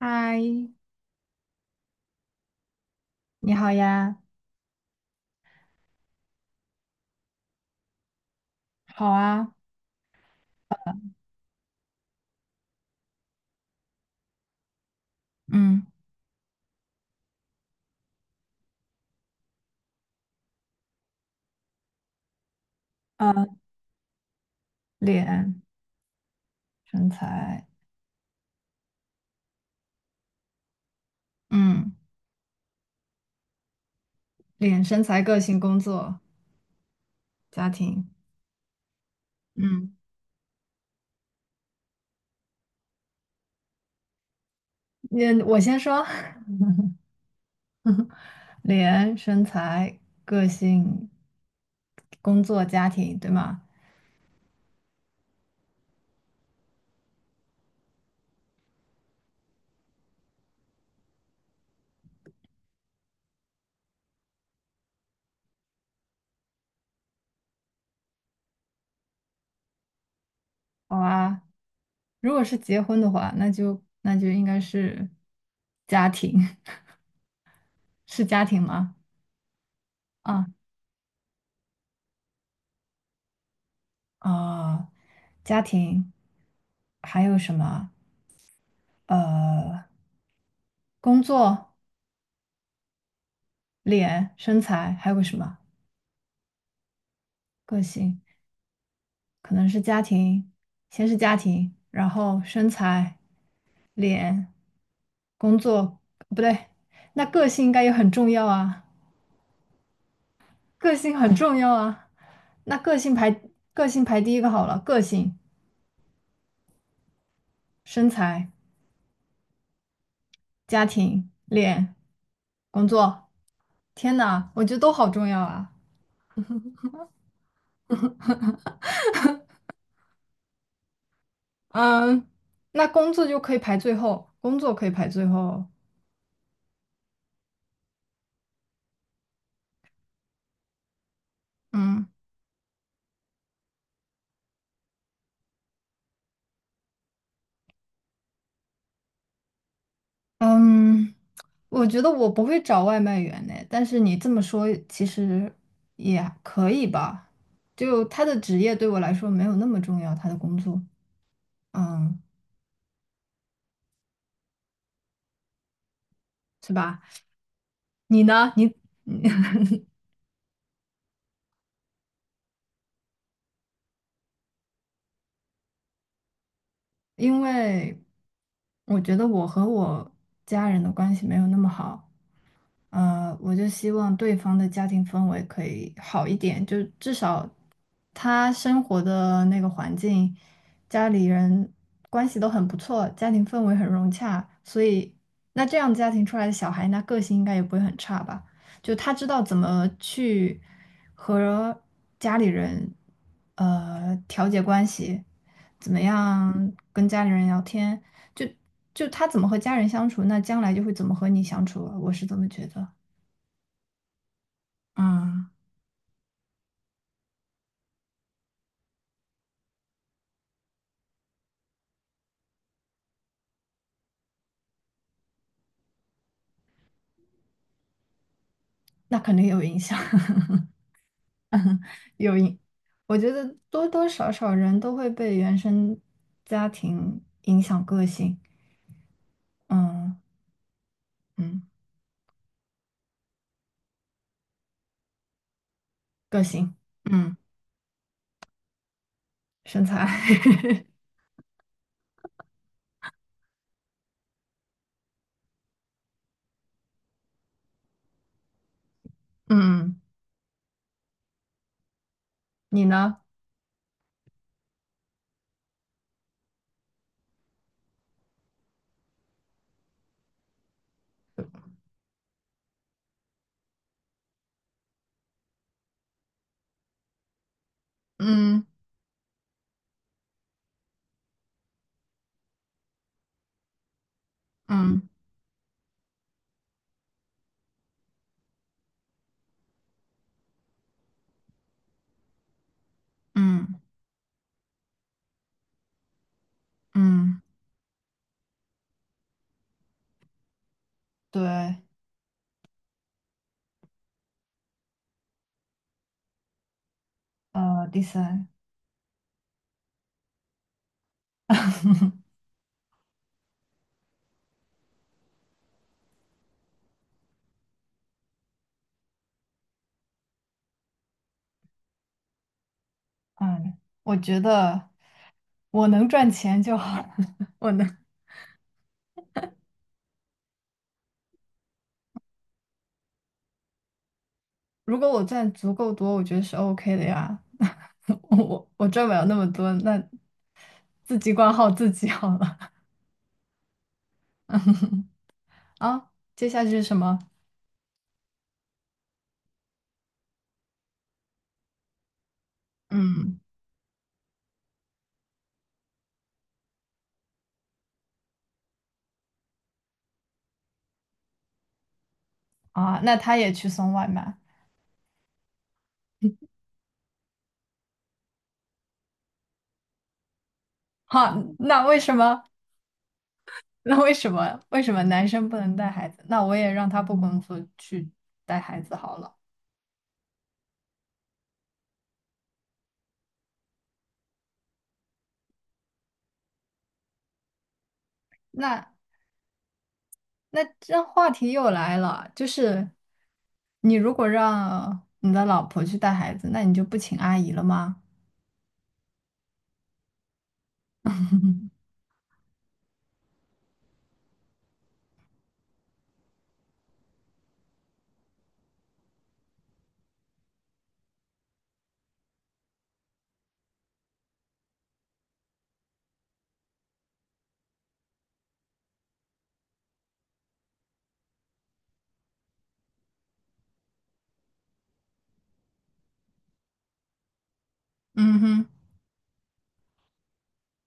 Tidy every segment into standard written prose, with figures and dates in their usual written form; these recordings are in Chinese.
嗨，你好呀，好啊。嗯呃，脸、身材、嗯脸、身材、个性、工作、家庭。嗯那我先说。脸、身材、个性、工作、家庭，对吗？好啊，如果是结婚的话，那就应该是家庭。是家庭吗？啊，啊，家庭还有什么？呃，工作、脸、身材，还有个什么？个性，可能是家庭，先是家庭，然后身材、脸、工作。不对，那个性应该也很重要啊，个性很重要啊。那个性排第一个好了，个性、身材。家庭、工作。天呐，我觉得都好重要啊。嗯，那工作就可以排最后，工作可以排最后。嗯嗯，我觉得我不会找外卖员呢，但是你这么说其实也可以吧。就他的职业对我来说没有那么重要，他的工作。嗯，是吧？你呢？你 因为我觉得我和我家人的关系没有那么好。我就希望对方的家庭氛围可以好一点，就至少他生活的那个环境，家里人关系都很不错，家庭氛围很融洽，所以那这样家庭出来的小孩，那个性应该也不会很差吧？就他知道怎么去和家里人调节关系，怎么样跟家里人聊天。就就他怎么和家人相处，那将来就会怎么和你相处啊，我是这么觉得。嗯，那肯定有影响，有影。我觉得多多少少人都会被原生家庭影响个性。嗯嗯，个性。嗯，身材。嗯，你呢？嗯嗯嗯嗯，对。第三，嗯，我觉得我能赚钱就好，我能。如果我赚足够多，我觉得是 OK 的呀。我赚不了那么多，那自己管好自己好了。啊，接下去是什么？嗯。啊，那他也去送外卖。好，那为什么？那为什么？为什么男生不能带孩子？那我也让他不工作去带孩子好了。那那这话题又来了，就是你如果让你的老婆去带孩子，那你就不请阿姨了吗？嗯哼。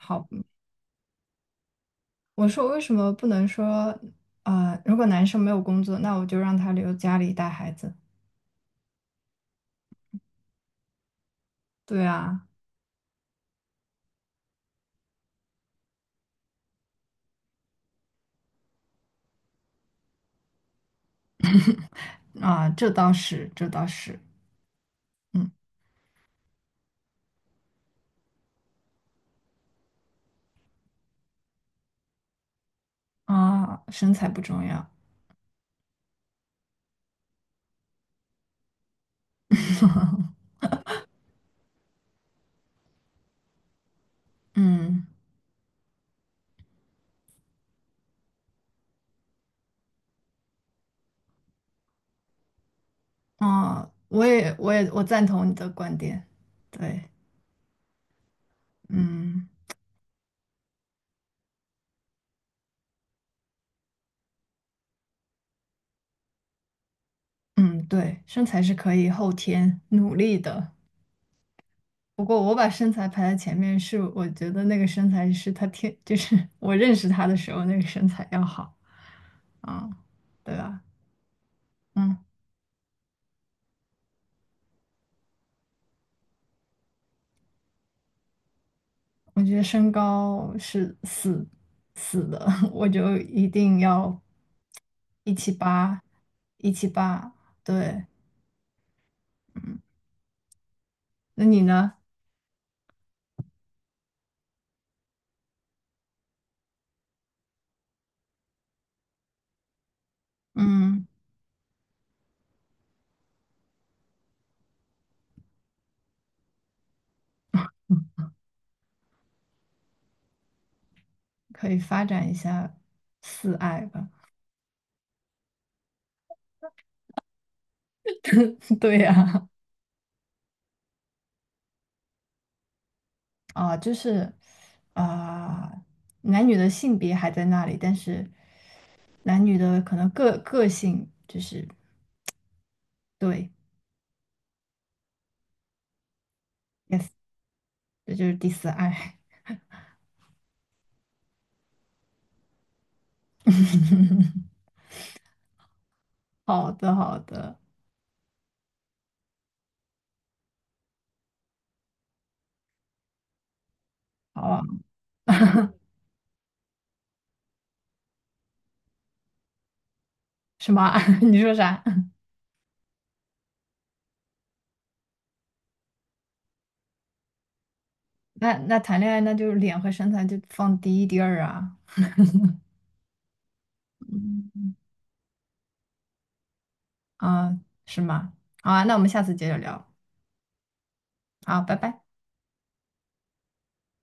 好。我说为什么不能说，如果男生没有工作，那我就让他留家里带孩子。对啊，啊，这倒是，这倒是。嗯，啊，身材不重要。嗯，啊，我也，我赞同你的观点。对，嗯嗯，对，身材是可以后天努力的。不过我把身材排在前面，是我觉得那个身材是他天，就是我认识他的时候那个身材要好。啊，对吧？嗯。我觉得身高是死死的，我就一定要178，一七八，对。嗯，那你呢？嗯嗯，可以发展一下四爱吧。对呀。啊，就是啊，男女的性别还在那里，但是男女的可能个性就是，对，yes，这就是第四爱。好的，好的。好啊。什么啊 你说啥？那谈恋爱那就是脸和身材就放第一第二啊。嗯啊，是吗？好啊，那我们下次接着聊。好，拜拜。